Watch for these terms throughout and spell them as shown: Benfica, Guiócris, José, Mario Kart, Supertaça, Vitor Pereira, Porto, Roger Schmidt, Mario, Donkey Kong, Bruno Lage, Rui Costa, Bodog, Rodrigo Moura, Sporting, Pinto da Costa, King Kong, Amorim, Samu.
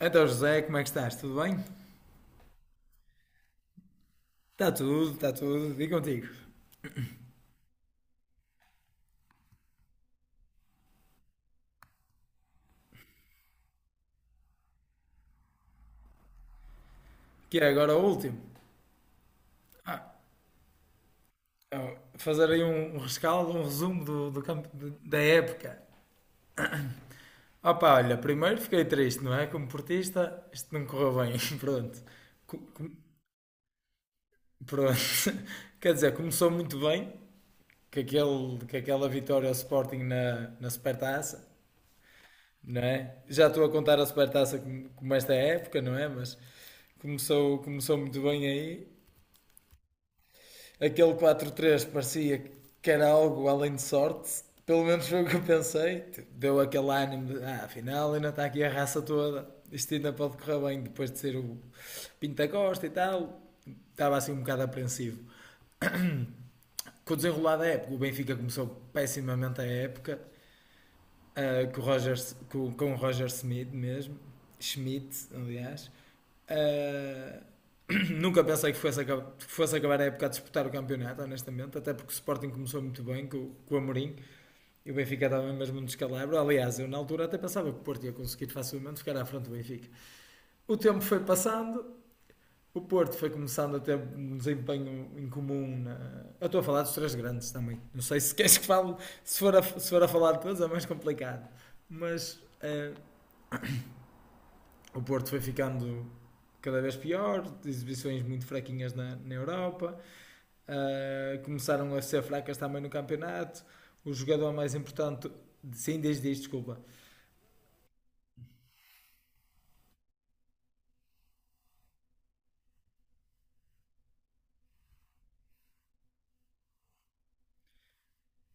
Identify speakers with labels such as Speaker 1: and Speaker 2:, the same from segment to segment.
Speaker 1: Então, José, como é que estás? Tudo bem? Está tudo, está tudo. E contigo? Que é agora o último. Então, fazer aí um rescaldo, um resumo do da época. Opa, olha, primeiro fiquei triste, não é? Como portista, isto não correu bem. Pronto. Co- com- Pronto. Quer dizer, começou muito bem, com aquela vitória ao Sporting na Supertaça, não é? Já estou a contar a Supertaça como esta época, não é? Mas começou muito bem aí. Aquele 4-3 parecia que era algo além de sorte. Pelo menos foi o que eu pensei. Tipo, deu aquele ânimo de, afinal ainda está aqui a raça toda. Isto ainda pode correr bem depois de ser o Pinto da Costa e tal. Estava assim um bocado apreensivo. Com o desenrolar da época, o Benfica começou pessimamente a época ah, com, o Roger, com o Roger Smith mesmo, Schmidt, aliás. Ah, Nunca pensei que fosse acabar a época a disputar o campeonato, honestamente, até porque o Sporting começou muito bem com o Amorim e o Benfica estava mesmo no descalabro. Aliás, eu na altura até pensava que o Porto ia conseguir facilmente ficar à frente do Benfica. O tempo foi passando, o Porto foi começando a ter um desempenho incomum. Eu estou a falar dos três grandes também. Não sei se queres que fale, se for a falar de todos é mais complicado. Mas o Porto foi ficando cada vez pior, exibições muito fraquinhas na Europa. Começaram a ser fracas também no campeonato. O jogador mais importante. Sim, diz, diz, desculpa.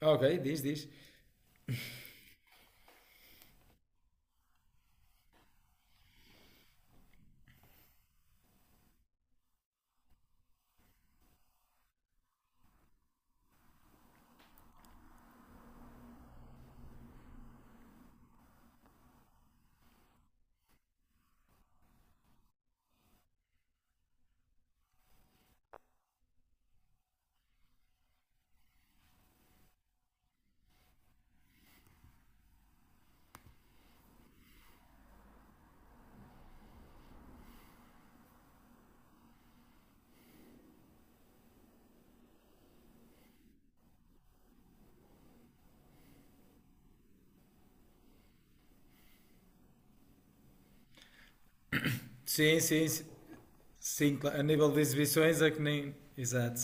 Speaker 1: Ok, diz, diz. Sim, sim, sim. Sim, a nível de exibições é que nem. Exato.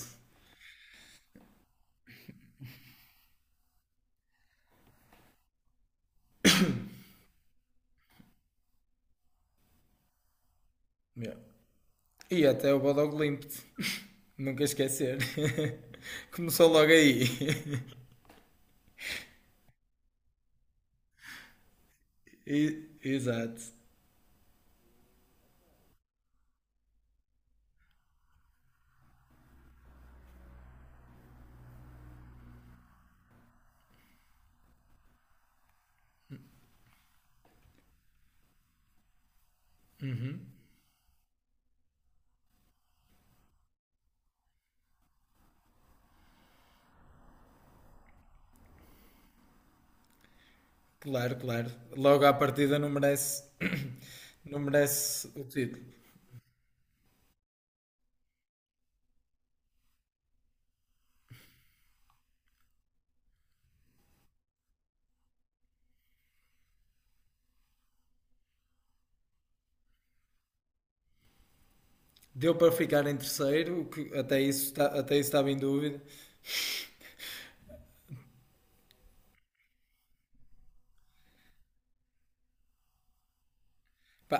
Speaker 1: Yeah. E até o Bodog Limped. Nunca esquecer. Começou logo aí. Exato. Claro, claro. Logo à partida não merece, não merece o título. Deu para ficar em terceiro, o que até isso, até isso estava em dúvida.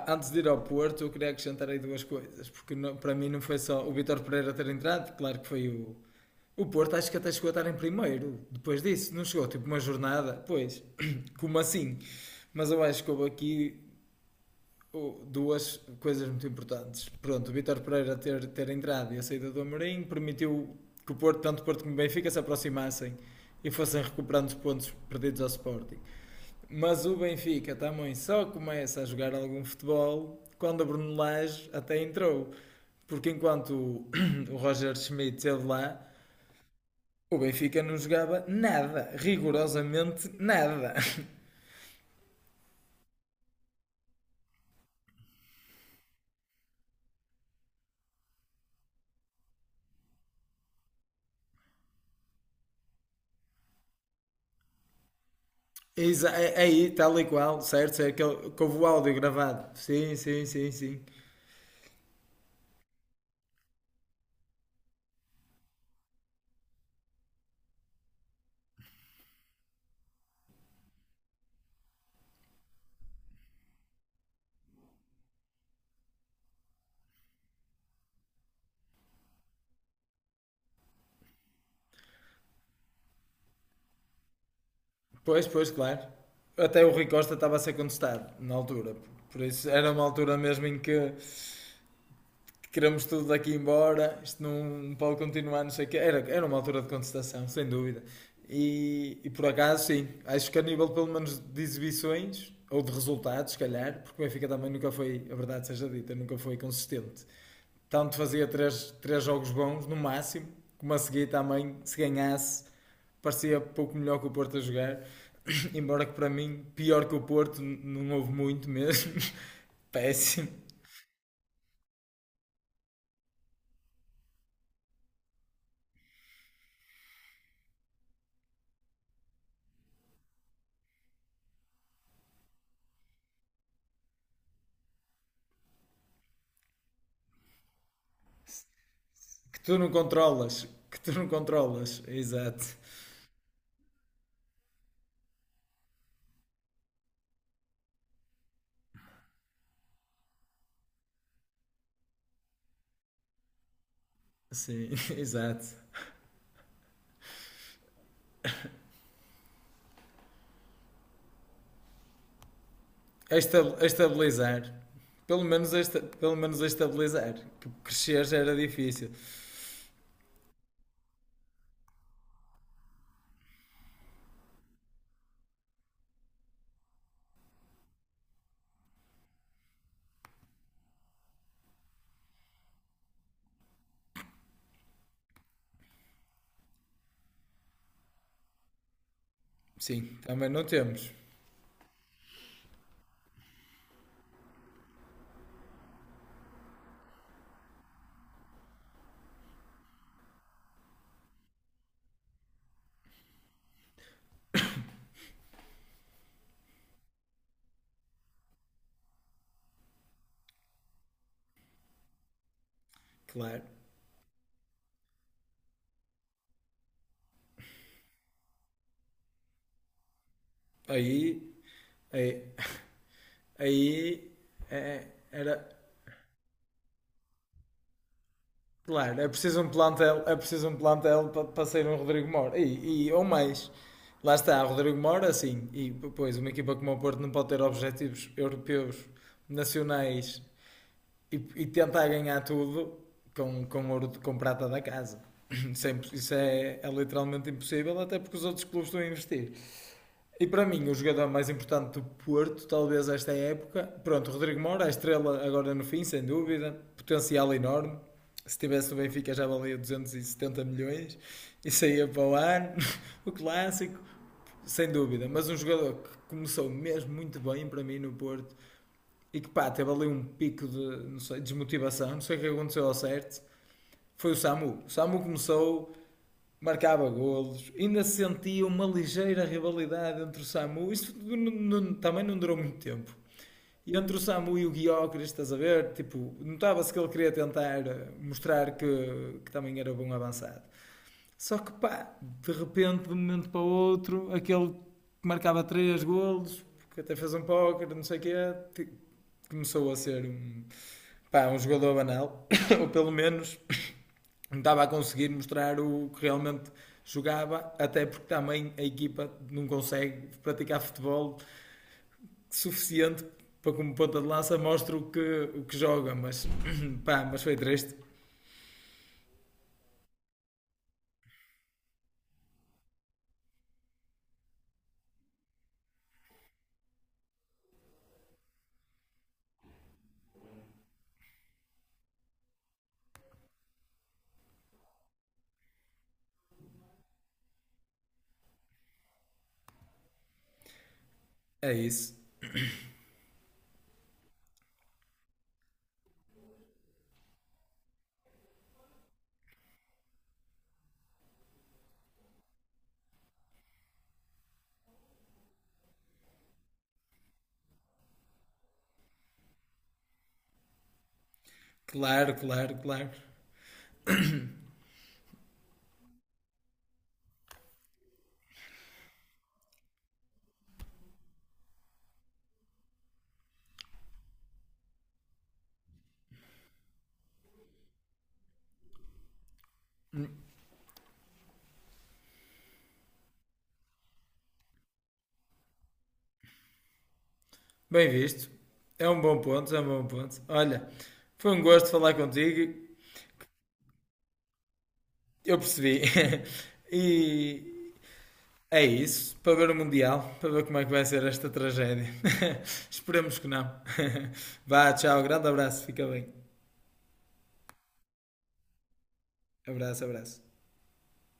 Speaker 1: Antes de ir ao Porto, eu queria acrescentar aí duas coisas, porque não- para mim não foi só o Vitor Pereira ter entrado, claro que foi o. O Porto acho que até chegou a estar em primeiro depois disso, não chegou tipo uma jornada, pois, como assim? Mas eu acho que houve aqui oh, duas coisas muito importantes. Pronto, o Vitor Pereira ter entrado e a saída do Amorim permitiu que o Porto, tanto o Porto como o Benfica, se aproximassem e fossem recuperando os pontos perdidos ao Sporting. Mas o Benfica também só começa a jogar algum futebol quando a Bruno Lage até entrou. Porque enquanto o- Roger Schmidt esteve lá, o Benfica não jogava nada, rigorosamente nada. Aí, tal e qual, certo? É que houve o áudio gravado. Sim, sim, sim, sim. Pois, pois, claro. Até o Rui Costa estava a ser contestado na altura. Por isso, era uma altura mesmo em que queremos tudo daqui embora, isto não pode continuar, não sei o quê. Era uma altura de contestação, sem dúvida. E por acaso, sim, acho que a nível pelo menos de exibições, ou de resultados, se calhar, porque o Benfica também nunca foi, a verdade seja dita, nunca foi consistente. Tanto fazia três jogos bons, no máximo, como a seguir também, se ganhasse, parecia pouco melhor que o Porto a jogar. Embora que para mim, pior que o Porto, não houve muito mesmo. Péssimo. Que tu não controlas. Que tu não controlas. Exato. Sim, exato. A estabilizar. Pelo menos a estabilizar. Que crescer já era difícil. Sim, também não temos. Claro. Aí. Aí. Aí. Era. Claro, é preciso um plantel, é preciso um plantel para sair um Rodrigo Moura. Ou mais. Lá está, Rodrigo Moura, sim. E, pois, uma equipa como o Porto não pode ter objetivos europeus, nacionais e tentar ganhar tudo com ouro de, com prata da casa. Isso é literalmente impossível, até porque os outros clubes estão a investir. E para mim, o jogador mais importante do Porto, talvez esta época, pronto, o Rodrigo Moura, a estrela agora no fim, sem dúvida, potencial enorme. Se tivesse no Benfica já valia 270 milhões e saía para o ano, o clássico, sem dúvida. Mas um jogador que começou mesmo muito bem para mim no Porto e que pá, teve ali um pico de não sei, desmotivação, não sei o que aconteceu ao certo, foi o Samu. O Samu começou, marcava golos, ainda se sentia uma ligeira rivalidade entre o Samu, isto também não durou muito tempo. E entre o Samu e o Guiócris, estás a ver? Tipo, notava-se que ele queria tentar mostrar que também era bom avançado. Só que pá, de repente, de um momento para o outro, aquele que marcava três golos, que até fez um póquer, não sei o que é começou a ser um pá, um jogador banal, ou pelo menos não estava a conseguir mostrar o que realmente jogava, até porque também a equipa não consegue praticar futebol suficiente para como ponta de lança mostra o que, joga, mas pá, mas foi triste. É isso. Claro, claro, claro. Bem visto. É um bom ponto, é um bom ponto. Olha, foi um gosto falar contigo. Eu percebi. e, É isso, para ver o Mundial, para ver como é que vai ser esta tragédia. Esperemos que não. Vá, tchau, grande abraço, fica bem. Abraço, abraço.